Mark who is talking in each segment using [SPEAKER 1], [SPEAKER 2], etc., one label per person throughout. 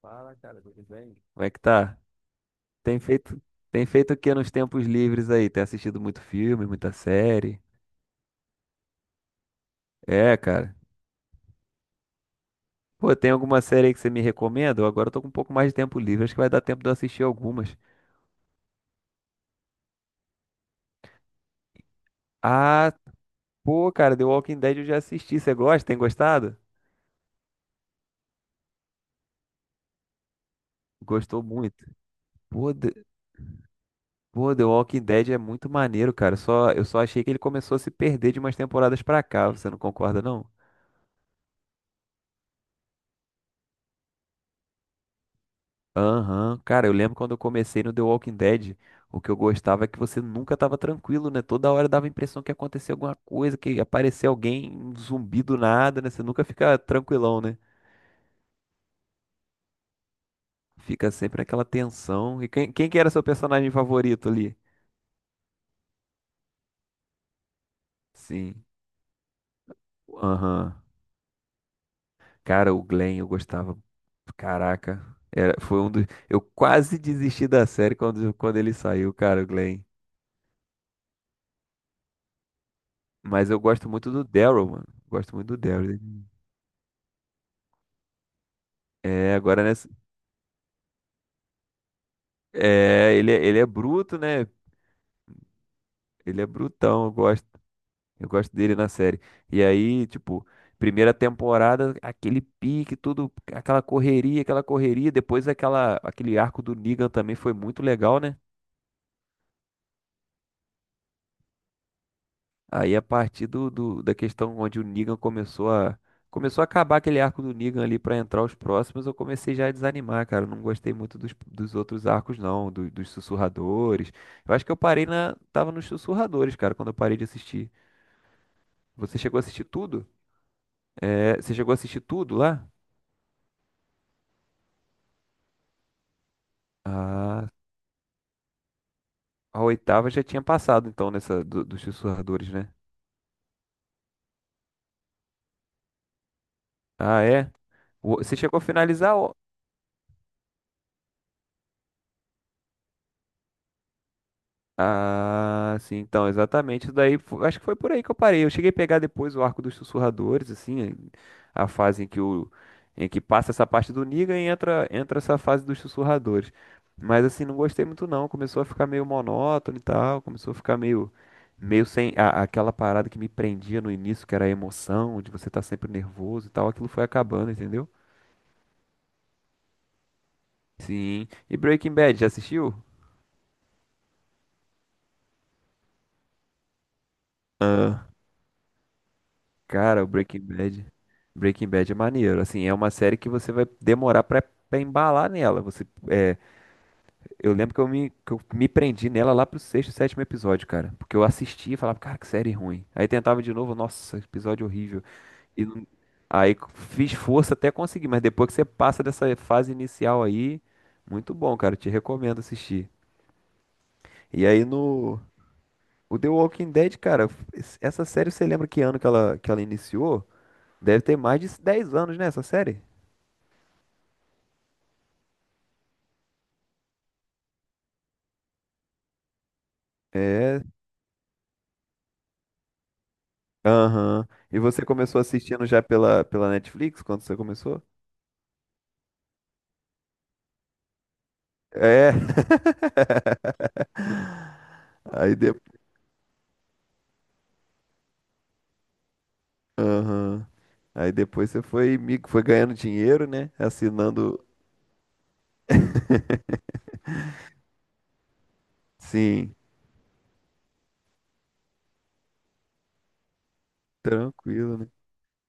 [SPEAKER 1] Fala, cara, tudo bem? Como é que tá? Tem feito, tem feito o que nos tempos livres aí? Tem assistido muito filme, muita série? É, cara. Pô, tem alguma série aí que você me recomenda? Eu Agora eu tô com um pouco mais de tempo livre, acho que vai dar tempo de eu assistir algumas. Ah, pô, cara, The Walking Dead eu já assisti. Você gosta? Tem gostado? Gostou muito. Pô, The, Pô, The Walking Dead é muito maneiro, cara. Só, eu só achei que ele começou a se perder de umas temporadas pra cá. Você não concorda, não? Aham. Cara, eu lembro quando eu comecei no The Walking Dead, o que eu gostava é que você nunca tava tranquilo, né? Toda hora dava a impressão que acontecia alguma coisa, que aparecia alguém, um zumbi do nada, né? Você nunca fica tranquilão, né? Fica sempre aquela tensão. E quem que era seu personagem favorito ali? Sim. Aham. Cara, o Glenn eu gostava. Caraca. Era, foi um dos. Eu quase desisti da série quando ele saiu, cara, o Glenn. Mas eu gosto muito do Daryl, mano. Gosto muito do Daryl. É, agora né? É, ele é bruto, né? Ele é brutão, eu gosto dele na série. E aí, tipo, primeira temporada, aquele pique, tudo, aquela correria, depois aquela, aquele arco do Negan também foi muito legal, né? Aí a partir da questão onde o Negan começou a acabar aquele arco do Negan ali pra entrar os próximos, eu comecei já a desanimar, cara. Eu não gostei muito dos outros arcos, não, dos sussurradores. Eu acho que eu parei tava nos sussurradores, cara, quando eu parei de assistir. Você chegou a assistir tudo? É, você chegou a assistir tudo lá? Ah, a oitava já tinha passado, então, nessa dos sussurradores, né? Ah, é? Você chegou a finalizar. Ah, sim, então, exatamente. Isso daí, acho que foi por aí que eu parei. Eu cheguei a pegar depois o Arco dos Sussurradores, assim, a fase em que o em que passa essa parte do Negan e entra essa fase dos Sussurradores. Mas assim, não gostei muito não. Começou a ficar meio monótono e tal, começou a ficar meio sem a- aquela parada que me prendia no início, que era a emoção, de você estar sempre nervoso e tal, aquilo foi acabando, entendeu? Sim. E Breaking Bad, já assistiu? Cara, o Breaking Bad, Breaking Bad é maneiro. Assim, é uma série que você vai demorar pra embalar nela. Eu lembro que que eu me prendi nela lá pro sexto, sétimo episódio, cara. Porque eu assistia e falava, cara, que série ruim. Aí tentava de novo, nossa, episódio horrível. E não- aí fiz força até conseguir, mas depois que você passa dessa fase inicial aí, muito bom, cara. Te recomendo assistir. E aí no O The Walking Dead, cara, essa série você lembra que ano que ela iniciou? Deve ter mais de 10 anos, né, essa série? É. Aham. E você começou assistindo já pela Netflix quando você começou? É. Aí, de... Aham. Aí depois você foi, foi ganhando dinheiro, né? Assinando. Sim, tranquilo, né?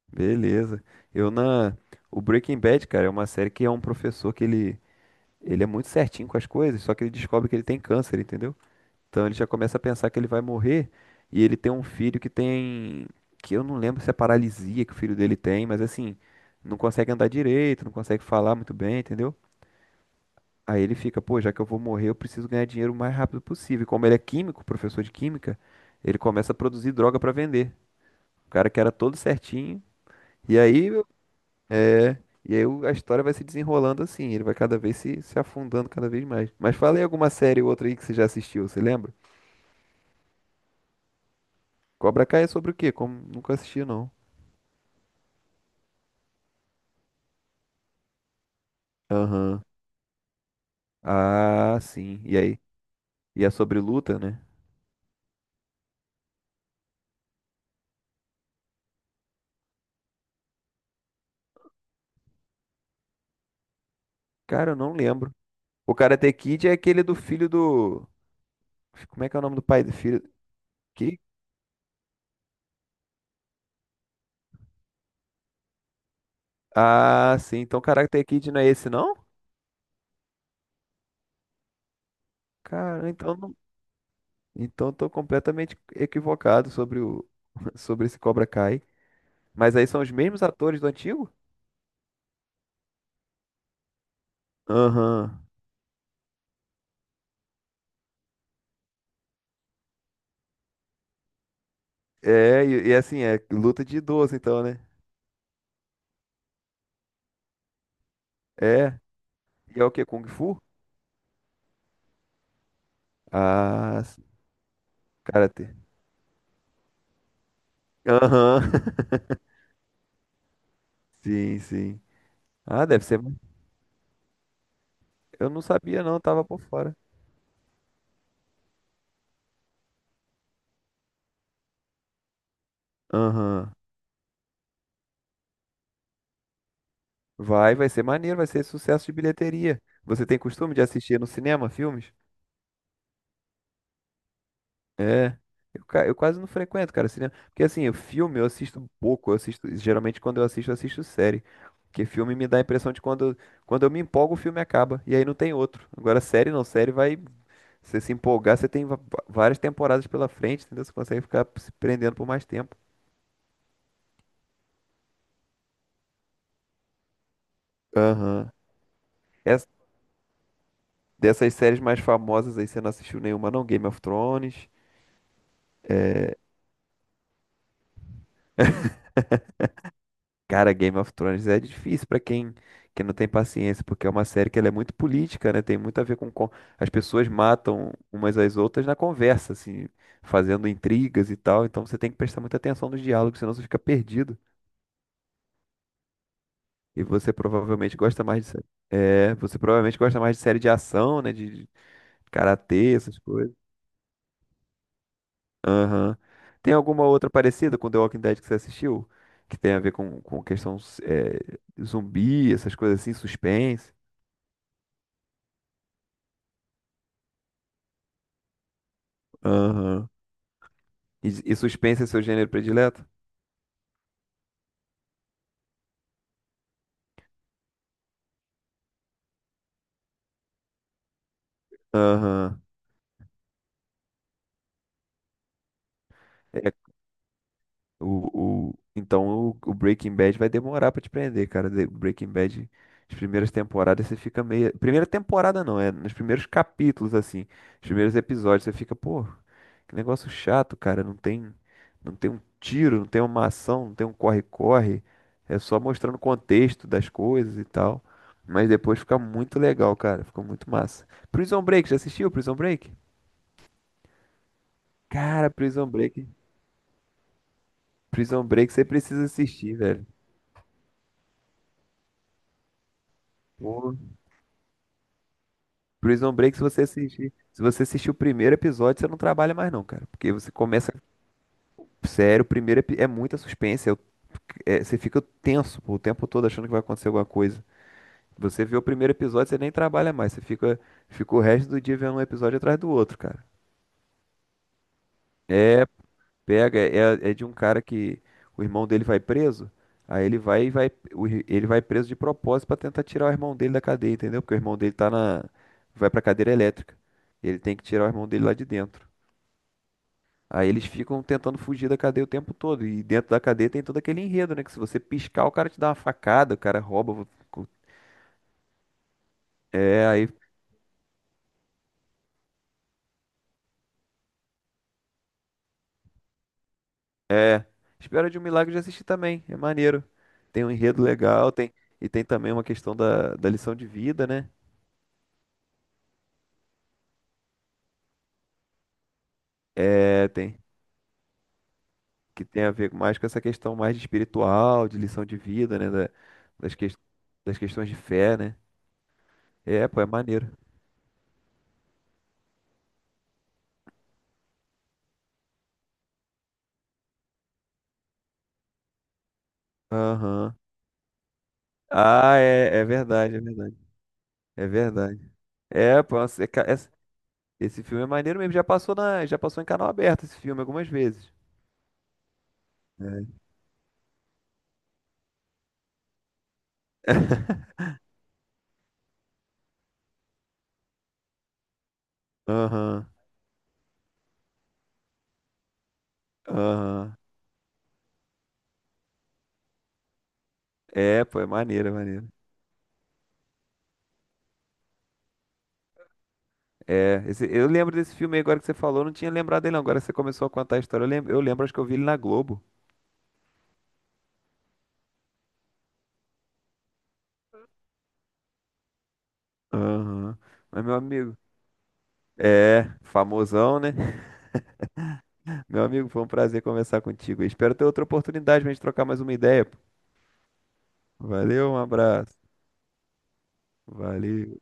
[SPEAKER 1] Beleza. Eu na. O Breaking Bad, cara, é uma série que é um professor que ele. Ele é muito certinho com as coisas, só que ele descobre que ele tem câncer, entendeu? Então ele já começa a pensar que ele vai morrer e ele tem um filho que tem, que eu não lembro se é paralisia que o filho dele tem, mas assim, não consegue andar direito, não consegue falar muito bem, entendeu? Aí ele fica, pô, já que eu vou morrer, eu preciso ganhar dinheiro o mais rápido possível. E como ele é químico, professor de química, ele começa a produzir droga pra vender. O cara que era todo certinho. E aí, é, e aí a história vai se desenrolando assim, ele vai cada vez se afundando cada vez mais. Mas fala aí alguma série ou outra aí que você já assistiu, você lembra? Cobra Kai é sobre o quê? Como nunca assisti, não. Aham. Ah, sim. E aí? E é sobre luta, né? Cara, eu não lembro. O Karate Kid é aquele do filho do. Como é que é o nome do pai do filho? Que? Ah, sim. Então Karate Kid não é esse, não? Cara, então não... então eu tô completamente equivocado sobre o sobre esse Cobra Kai. Mas aí são os mesmos atores do antigo? Aham. É, e assim, é luta de idoso, então, né? É. E é o quê? Kung Fu? Ah, sim. Cara, aham. Sim, sim. Ah, deve ser. Eu não sabia, não, tava por fora. Aham. Vai ser maneiro, vai ser sucesso de bilheteria. Você tem costume de assistir no cinema filmes? É. Eu quase não frequento, cara, cinema. Porque assim, o filme eu assisto pouco. Eu assisto, geralmente quando eu assisto série. Porque filme me dá a impressão de quando eu me empolgo, o filme acaba. E aí não tem outro. Agora, série não, série vai. Você se empolgar, você tem várias temporadas pela frente, entendeu? Você consegue ficar se prendendo por mais tempo. Aham. Dessas séries mais famosas aí, você não assistiu nenhuma, não? Game of Thrones. Cara, Game of Thrones é difícil pra quem não tem paciência, porque é uma série que ela é muito política, né? Tem muito a ver com... As pessoas matam umas às outras na conversa, assim, fazendo intrigas e tal. Então você tem que prestar muita atenção nos diálogos, senão você fica perdido. E você provavelmente gosta mais de série. É, você provavelmente gosta mais de série de ação, né? De karatê, essas coisas. Aham. Tem alguma outra parecida com The Walking Dead que você assistiu? Que tem a ver com questão é, zumbi, essas coisas assim, suspense? Aham. E suspense é seu gênero predileto? Aham. O Breaking Bad vai demorar pra te prender, cara. The Breaking Bad, as primeiras temporadas você fica meio. Primeira temporada não, é nos primeiros capítulos, assim, os primeiros episódios, você fica, pô, que negócio chato, cara. Não tem um tiro, não tem uma ação, não tem um corre-corre. É só mostrando o contexto das coisas e tal. Mas depois fica muito legal, cara. Fica muito massa. Prison Break, já assistiu Prison Break? Cara, Prison Break. Prison Break você precisa assistir, velho. Pô, Prison Break, se você assistir o primeiro episódio, você não trabalha mais não, cara. Porque você começa sério, o é muita suspense, você fica tenso pô, o tempo todo achando que vai acontecer alguma coisa. Você vê o primeiro episódio, você nem trabalha mais, fica o resto do dia vendo um episódio atrás do outro, cara. Pega, é, é de um cara que o irmão dele vai preso, aí ele vai e vai, ele vai preso de propósito pra tentar tirar o irmão dele da cadeia, entendeu? Porque o irmão dele vai pra cadeira elétrica. Ele tem que tirar o irmão dele lá de dentro. Aí eles ficam tentando fugir da cadeia o tempo todo. E dentro da cadeia tem todo aquele enredo, né? Que se você piscar, o cara te dá uma facada, o cara rouba. É, aí. Espera de um Milagre já assisti também. É maneiro. Tem um enredo legal, tem. E tem também uma questão da lição de vida, né? É, tem. Que tem a ver mais com essa questão mais de espiritual, de lição de vida, né? Das, ques- das questões de fé, né? É, pô, é maneiro. Aham. Ah, é, é verdade, é verdade. É verdade. É, pô, é, ca- é- Esse filme é maneiro mesmo. Já passou em canal aberto esse filme algumas vezes. É. Aham, aham. É, pô, é maneiro, é maneiro. É, eu lembro desse filme aí agora que você falou, eu não tinha lembrado dele não. Agora você começou a contar a história, eu lembro, acho que eu vi ele na Globo. Aham. Mas meu amigo, é, famosão, né? Meu amigo, foi um prazer conversar contigo. Espero ter outra oportunidade pra gente trocar mais uma ideia, pô. Valeu, um abraço. Valeu.